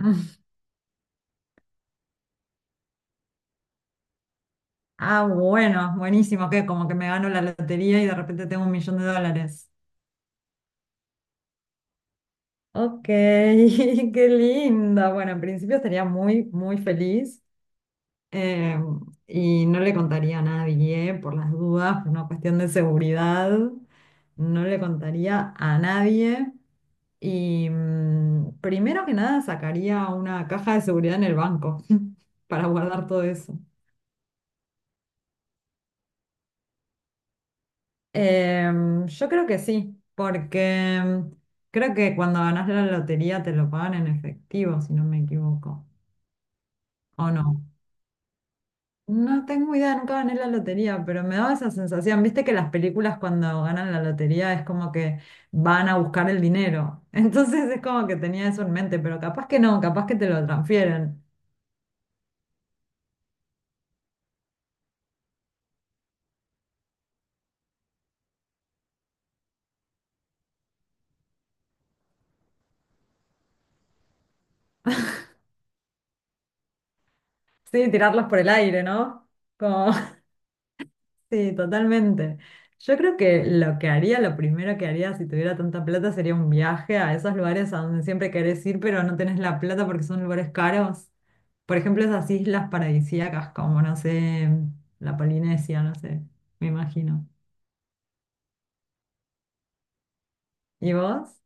Ah, bueno, buenísimo, que como que me gano la lotería y de repente tengo un millón de dólares. Ok, qué linda. Bueno, en principio estaría muy feliz, eh, y no le contaría a nadie por las dudas, por una cuestión de seguridad. No le contaría a nadie y primero que nada sacaría una caja de seguridad en el banco para guardar todo eso. Yo creo que sí, porque creo que cuando ganás la lotería te lo pagan en efectivo, si no me equivoco, ¿o no? No tengo idea, nunca gané la lotería, pero me daba esa sensación. Viste que las películas cuando ganan la lotería es como que van a buscar el dinero. Entonces es como que tenía eso en mente, pero capaz que no, capaz que te lo transfieren. Sí, tirarlos por el aire, ¿no? Como... Sí, totalmente. Yo creo que lo que haría, lo primero que haría si tuviera tanta plata sería un viaje a esos lugares a donde siempre querés ir, pero no tenés la plata porque son lugares caros. Por ejemplo, esas islas paradisíacas como, no sé, la Polinesia, no sé, me imagino. ¿Y vos?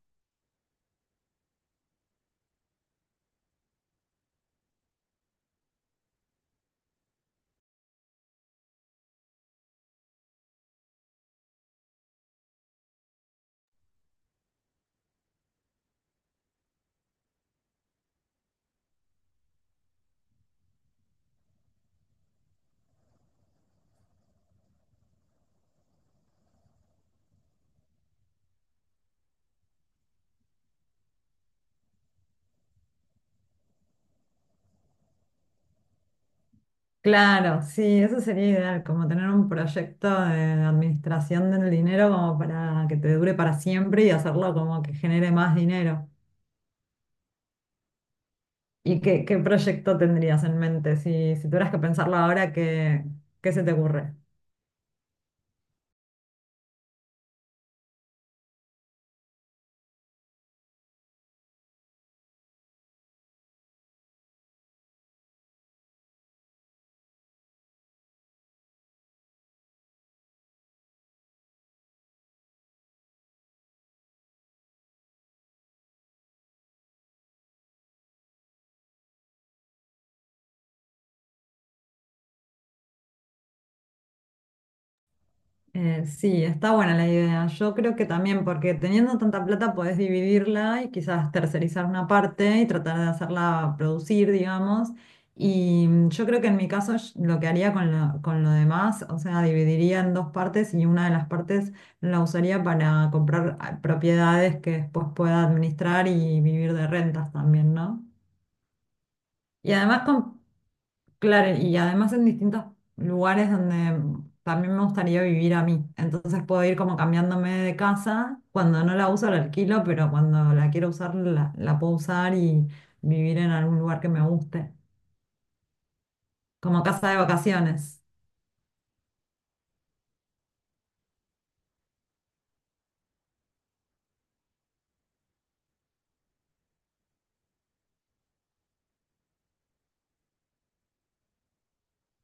Claro, sí, eso sería ideal, como tener un proyecto de administración del dinero como para que te dure para siempre y hacerlo como que genere más dinero. ¿Y qué proyecto tendrías en mente? Si, si tuvieras que pensarlo ahora, ¿qué, qué se te ocurre? Sí, está buena la idea. Yo creo que también, porque teniendo tanta plata podés dividirla y quizás tercerizar una parte y tratar de hacerla producir, digamos. Y yo creo que en mi caso sh- lo que haría con con lo demás, o sea, dividiría en dos partes y una de las partes la usaría para comprar propiedades que después pueda administrar y vivir de rentas también, ¿no? Y además con. Claro, y además en distintos lugares donde también me gustaría vivir a mí. Entonces puedo ir como cambiándome de casa. Cuando no la uso la alquilo, pero cuando la quiero usar la puedo usar y vivir en algún lugar que me guste. Como casa de vacaciones.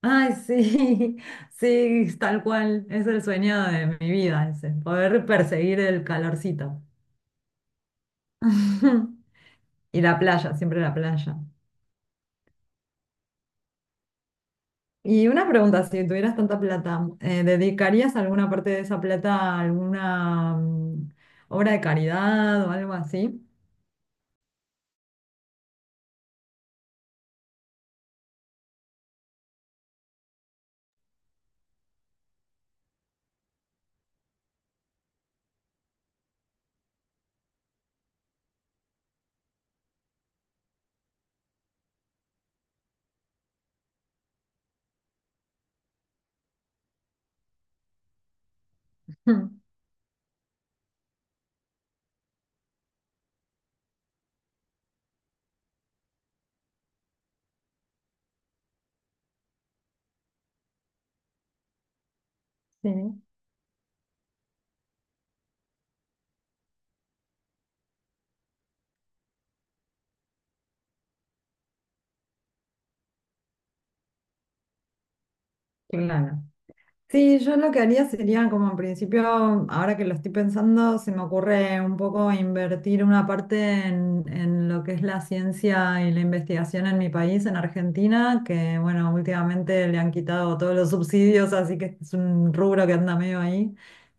Ay, sí, sí, tal cual. Es el sueño de mi vida ese, poder perseguir el calorcito. Y la playa, siempre la playa. Y una pregunta, si tuvieras tanta plata, ¿dedicarías alguna parte de esa plata a alguna obra de caridad o algo así? Sí, claro. Sí, yo lo que haría sería como en principio, ahora que lo estoy pensando, se me ocurre un poco invertir una parte en lo que es la ciencia y la investigación en mi país, en Argentina, que bueno, últimamente le han quitado todos los subsidios, así que es un rubro que anda medio ahí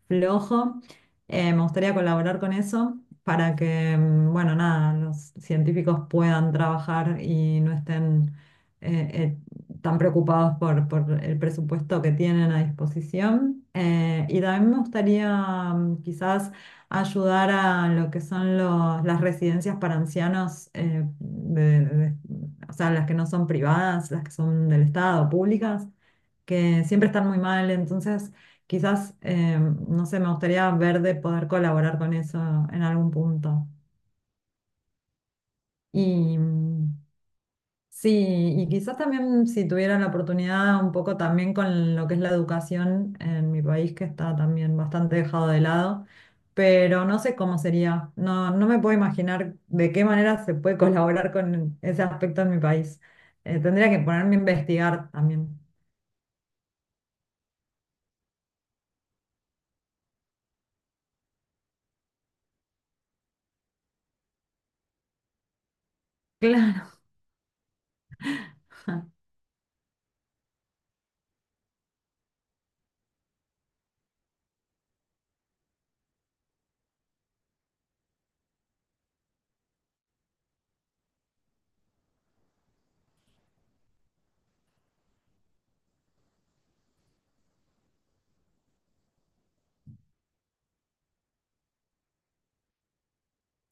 flojo. Me gustaría colaborar con eso para que, bueno, nada, los científicos puedan trabajar y no estén... eh, eh, están preocupados por el presupuesto que tienen a disposición. Y también me gustaría quizás ayudar a lo que son los- las residencias para ancianos, de- o sea, las que no son privadas, las que son del Estado, públicas, que siempre están muy mal. Entonces, quizás, no sé, me gustaría ver de poder colaborar con eso en algún punto. Y, sí, y quizás también si tuviera la oportunidad un poco también con lo que es la educación en mi país, que está también bastante dejado de lado, pero no sé cómo sería, no me puedo imaginar de qué manera se puede colaborar con ese aspecto en mi país. Tendría que ponerme a investigar también.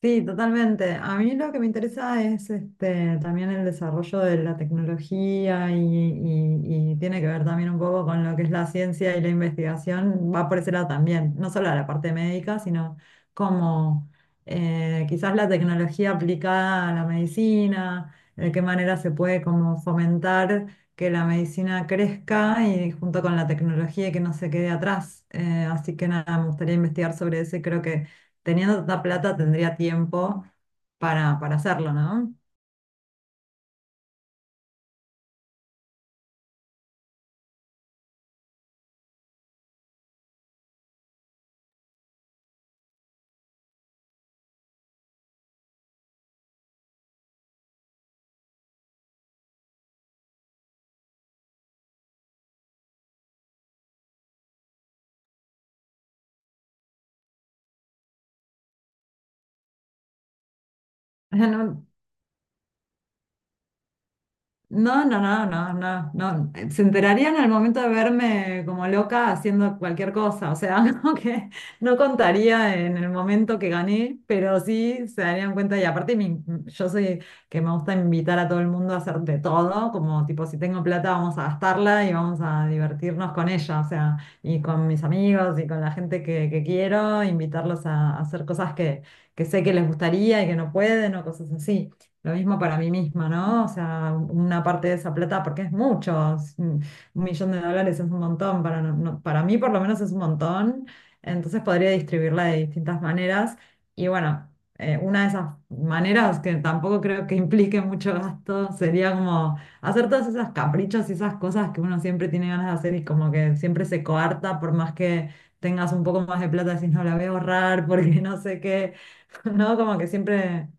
Sí, totalmente. A mí lo que me interesa es este, también el desarrollo de la tecnología y tiene que ver también un poco con lo que es la ciencia y la investigación. Va por ese lado también, no solo a la parte médica, sino como quizás la tecnología aplicada a la medicina, de qué manera se puede como fomentar que la medicina crezca y junto con la tecnología y que no se quede atrás. Así que nada, me gustaría investigar sobre eso y creo que teniendo tanta plata tendría tiempo para hacerlo, ¿no? No, no, no, no, no, no, no. Se enterarían al momento de verme como loca haciendo cualquier cosa. O sea, como que no contaría en el momento que gané, pero sí se darían cuenta. Y aparte, mi- yo soy que me gusta invitar a todo el mundo a hacer de todo. Como tipo, si tengo plata, vamos a gastarla y vamos a divertirnos con ella. O sea, y con mis amigos y con la gente que quiero, invitarlos a hacer cosas que sé que les gustaría y que no pueden o cosas así. Lo mismo para mí misma, ¿no? O sea, una parte de esa plata, porque es mucho, es un millón de dólares, es un montón, para, no- no- para mí por lo menos es un montón, entonces podría distribuirla de distintas maneras. Y bueno, una de esas maneras que tampoco creo que implique mucho gasto sería como hacer todos esos caprichos y esas cosas que uno siempre tiene ganas de hacer y como que siempre se coarta por más que tengas un poco más de plata, decís no la voy a ahorrar porque no sé qué, ¿no? Como que siempre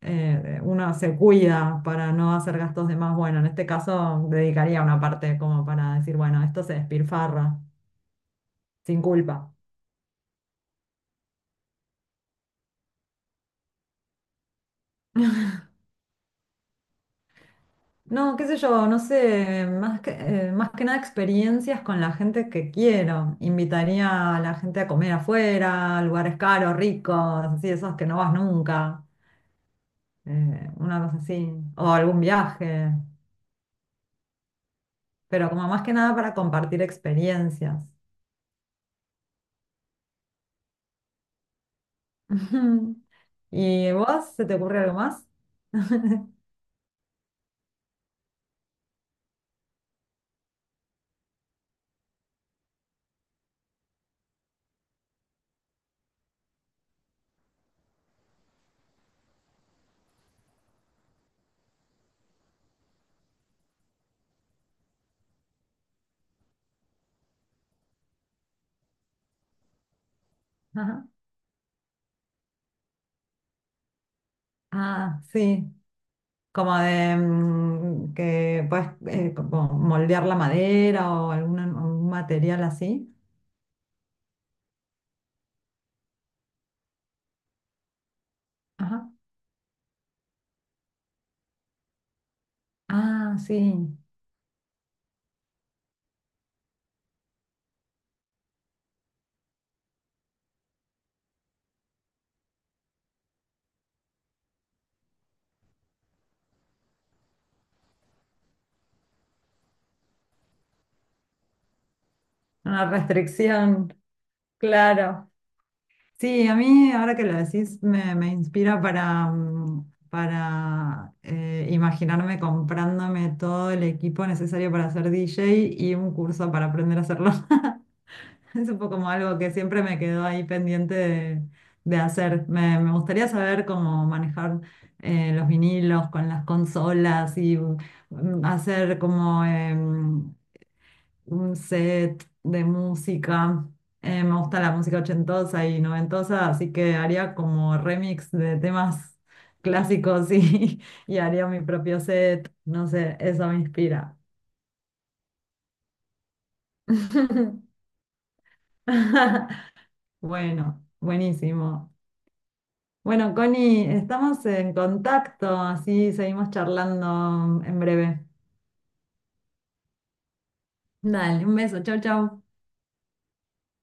uno se cuida para no hacer gastos de más. Bueno, en este caso dedicaría una parte como para decir, bueno, esto se despilfarra, sin culpa. No, qué sé yo, no sé, más que nada experiencias con la gente que quiero. Invitaría a la gente a comer afuera, a lugares caros, ricos, así, esos que no vas nunca, una cosa así, o algún viaje, pero como más que nada para compartir experiencias. ¿Y vos, se te ocurre algo más? Ajá. Ah, sí, como de que puedes como moldear la madera o algún material así. Ajá. Ah, sí, una restricción, claro. Sí, a mí ahora que lo decís me inspira para, para imaginarme comprándome todo el equipo necesario para ser DJ y un curso para aprender a hacerlo. Es un poco como algo que siempre me quedó ahí pendiente de hacer. Me gustaría saber cómo manejar los vinilos con las consolas y hacer como un set de música. Me gusta la música ochentosa y noventosa, así que haría como remix de temas clásicos y, y haría mi propio set. No sé, eso me inspira. Bueno, buenísimo. Bueno, Connie, estamos en contacto, así seguimos charlando en breve. Dale, un beso, chau, chau.